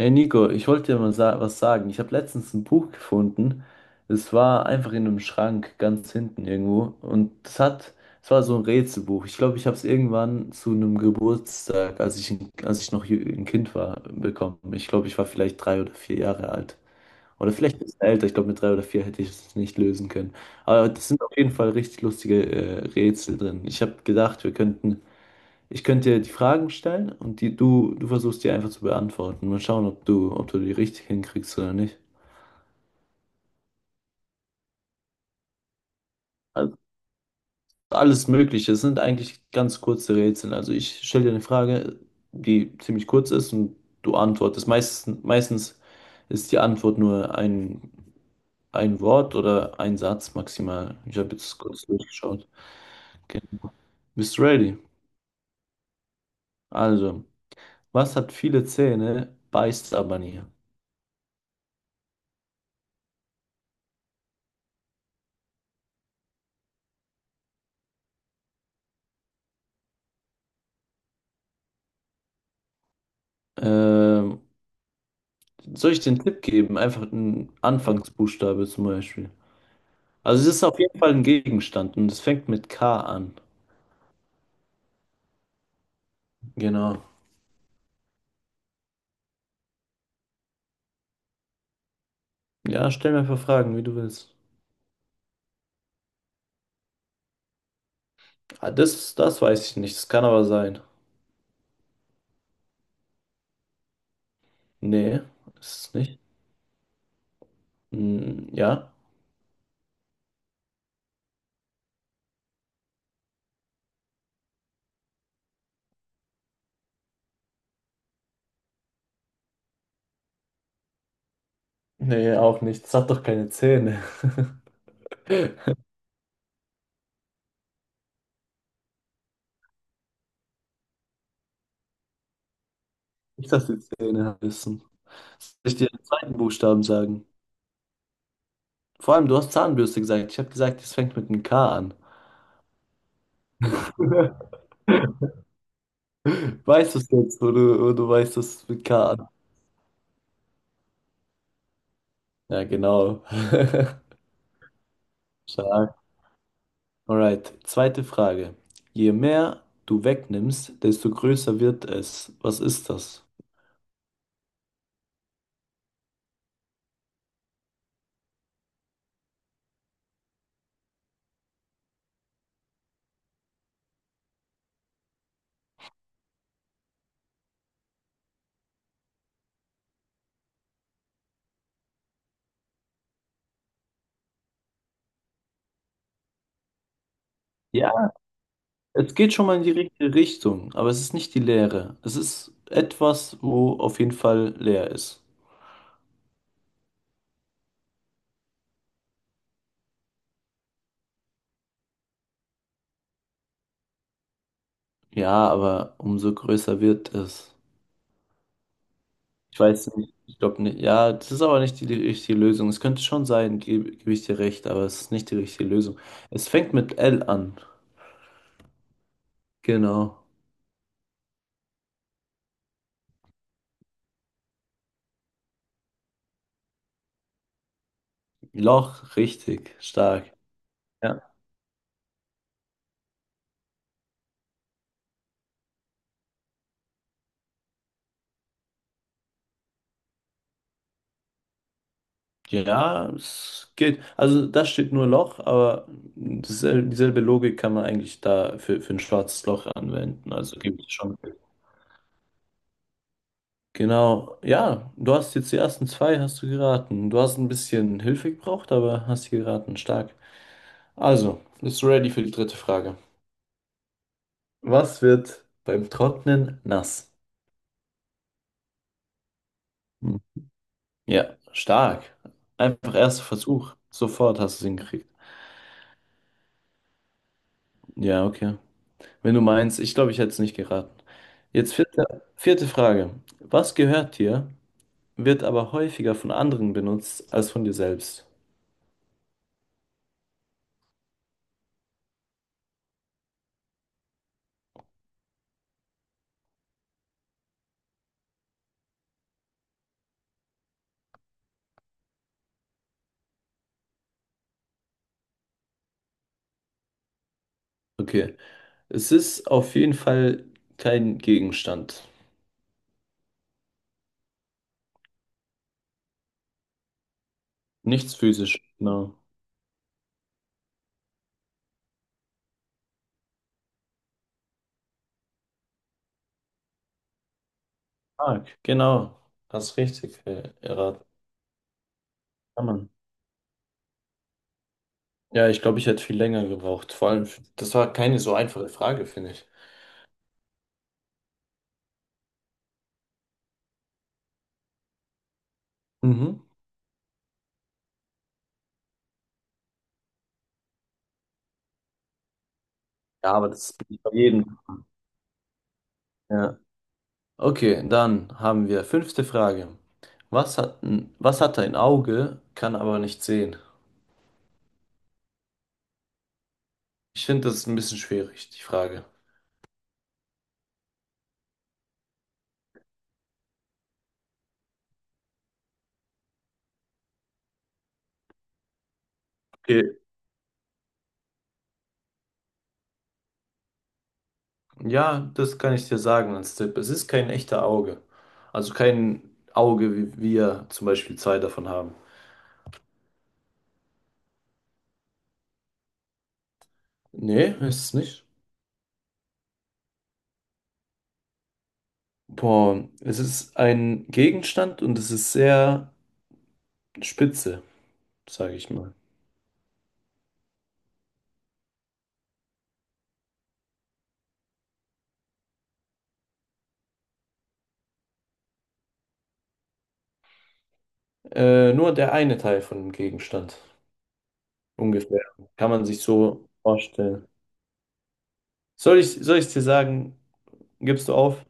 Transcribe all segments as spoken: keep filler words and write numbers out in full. Hey Nico, ich wollte dir mal sa was sagen. Ich habe letztens ein Buch gefunden. Es war einfach in einem Schrank ganz hinten irgendwo. Und es hat, es war so ein Rätselbuch. Ich glaube, ich habe es irgendwann zu einem Geburtstag, als ich, ein- als ich noch jü- ein Kind war, bekommen. Ich glaube, ich war vielleicht drei oder vier Jahre alt. Oder vielleicht ein bisschen älter. Ich glaube, mit drei oder vier hätte ich es nicht lösen können. Aber das sind auf jeden Fall richtig lustige äh, Rätsel drin. Ich habe gedacht, wir könnten ich könnte dir die Fragen stellen und die du, du versuchst die einfach zu beantworten. Mal schauen, ob du, ob du die richtig hinkriegst oder nicht. Also alles Mögliche. Es sind eigentlich ganz kurze Rätsel. Also ich stelle dir eine Frage, die ziemlich kurz ist und du antwortest. Meistens, meistens ist die Antwort nur ein, ein Wort oder ein Satz maximal. Ich habe jetzt kurz durchgeschaut. Okay. Bist du ready? Also, was hat viele Zähne, beißt aber nie? Ähm, Soll ich den Tipp geben? Einfach einen Anfangsbuchstabe zum Beispiel. Also es ist auf jeden Fall ein Gegenstand und es fängt mit K an. Genau. Ja, stell mir einfach Fragen, wie du willst. Ah, das, das weiß ich nicht. Das kann aber sein. Nee, ist es nicht. Hm, ja. Nee, auch nicht. Es hat doch keine Zähne. Nicht, dass die Zähne wissen. Soll ich dir den zweiten Buchstaben sagen? Vor allem, du hast Zahnbürste gesagt. Ich habe gesagt, es fängt mit einem K an. Weißt du es jetzt, wo du, wo du weißt, dass es mit K Ja, genau. Stark. Alright, zweite Frage. Je mehr du wegnimmst, desto größer wird es. Was ist das? Ja, es geht schon mal in die richtige Richtung, aber es ist nicht die Leere. Es ist etwas, wo auf jeden Fall leer ist. Ja, aber umso größer wird es. Ich weiß nicht, ich glaube nicht. Ja, das ist aber nicht die, die richtige Lösung. Es könnte schon sein, gebe, gebe ich dir recht, aber es ist nicht die richtige Lösung. Es fängt mit L an. Genau. Loch, richtig, stark. Ja. Ja, es geht. Also da steht nur Loch, aber diesel- dieselbe Logik kann man eigentlich da für, für ein schwarzes Loch anwenden. Also gibt es schon. Genau. Ja, du hast jetzt die ersten zwei, hast du geraten. Du hast ein bisschen Hilfe gebraucht, aber hast sie geraten. Stark. Also, bist du ready für die dritte Frage? Was wird beim Trocknen nass? Hm. Ja, stark. Einfach erster Versuch. Sofort hast du es hingekriegt. Ja, okay. Wenn du meinst, ich glaube, ich hätte es nicht geraten. Jetzt vierte, vierte Frage. Was gehört dir, wird aber häufiger von anderen benutzt als von dir selbst? Okay. Es ist auf jeden Fall kein Gegenstand. Nichts physisch. Genau. Mark, genau. Hast richtig äh, erraten. Kann man. Ja, ich glaube, ich hätte viel länger gebraucht. Vor allem, für- das war keine so einfache Frage, finde ich. Mhm. Ja, aber das ist bei jedem. Ja. Okay, dann haben wir fünfte Frage. Was hat, ein- was hat ein Auge, kann aber nicht sehen? Ich finde das ist ein bisschen schwierig, die Frage. Okay. Ja, das kann ich dir sagen als Tipp. Es ist kein echter Auge. Also kein Auge, wie wir zum Beispiel zwei davon haben. Nee, ist es nicht. Boah, es ist ein Gegenstand und es ist sehr spitze, sage ich mal. Äh, nur der eine Teil von dem Gegenstand. Ungefähr. Kann man sich so vorstellen. Soll ich, soll ich dir sagen, gibst du auf?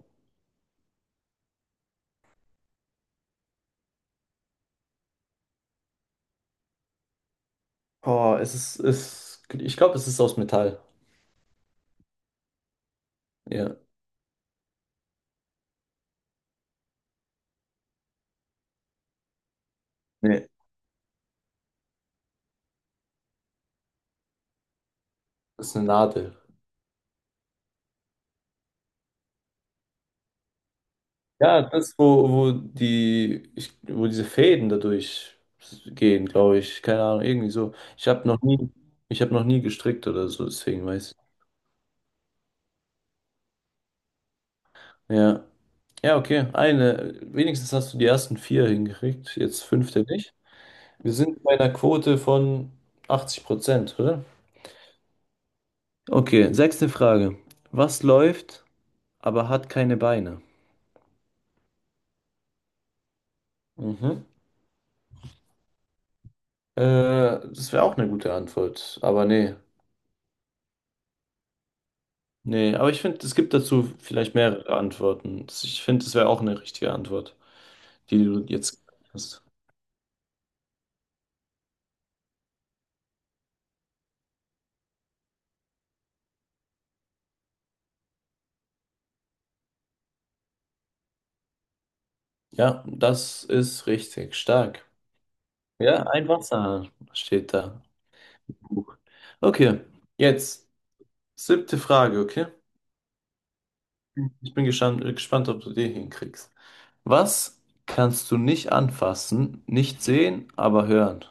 Boah, es ist, es, ich glaube, es ist aus Metall. Ja. Nee. Das ist eine Nadel. Ja, das, wo, wo die, ich, wo diese Fäden dadurch gehen, glaube ich. Keine Ahnung, irgendwie so. Ich habe noch nie, ich habe noch nie gestrickt oder so, deswegen weiß ich. Ja. Ja, okay. Eine. Wenigstens hast du die ersten vier hingekriegt. Jetzt fünfte nicht. Wir sind bei einer Quote von achtzig Prozent, oder? Okay, sechste Frage. Was läuft, aber hat keine Beine? Mhm. Äh, das wäre auch eine gute Antwort, aber nee. Nee, aber ich finde, es gibt dazu vielleicht mehrere Antworten. Ich finde, es wäre auch eine richtige Antwort, die du jetzt hast. Ja, das ist richtig. Stark. Ja, ein Wasserhahn steht da. Buch. Okay, jetzt siebte Frage, okay? Ich bin gespannt, gespannt, ob du die hinkriegst. Was kannst du nicht anfassen, nicht sehen, aber hören?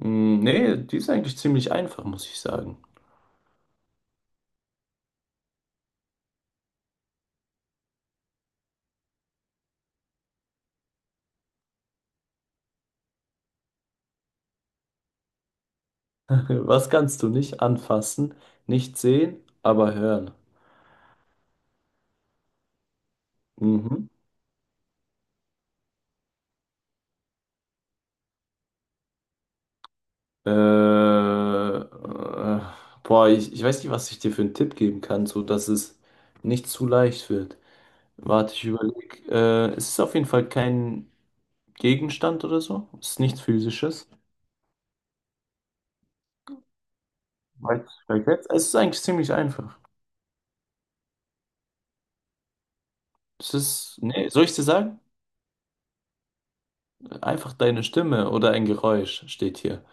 Hm, nee, die ist eigentlich ziemlich einfach, muss ich sagen. Was kannst du nicht anfassen, nicht sehen, aber hören? Mhm. Äh, äh, boah, ich, ich weiß nicht, was ich dir für einen Tipp geben kann, so dass es nicht zu leicht wird. Warte, ich überlege. Äh, es ist auf jeden Fall kein Gegenstand oder so. Es ist nichts Physisches. Weiß ich vielleicht jetzt. Es ist eigentlich ziemlich einfach. Es ist, nee, soll ich dir sagen? Einfach deine Stimme oder ein Geräusch steht hier.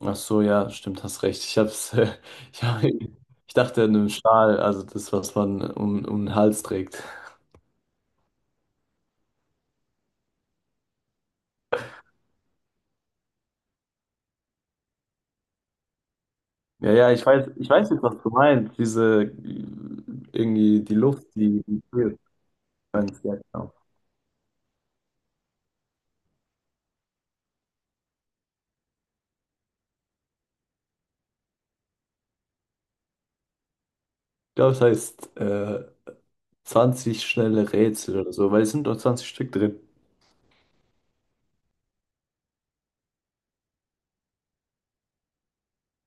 Ach so, ja, stimmt, hast recht. Ich hab's, äh, ich hab, ich dachte an einen Schal, also das, was man um, um den Hals trägt. Ja, ja, ich weiß, ich weiß jetzt, was du meinst. Diese, äh, irgendwie die Luft, die, die kühlt. Ja, genau. Ich glaube, es heißt äh, zwanzig schnelle Rätsel oder so, weil es sind doch zwanzig Stück drin.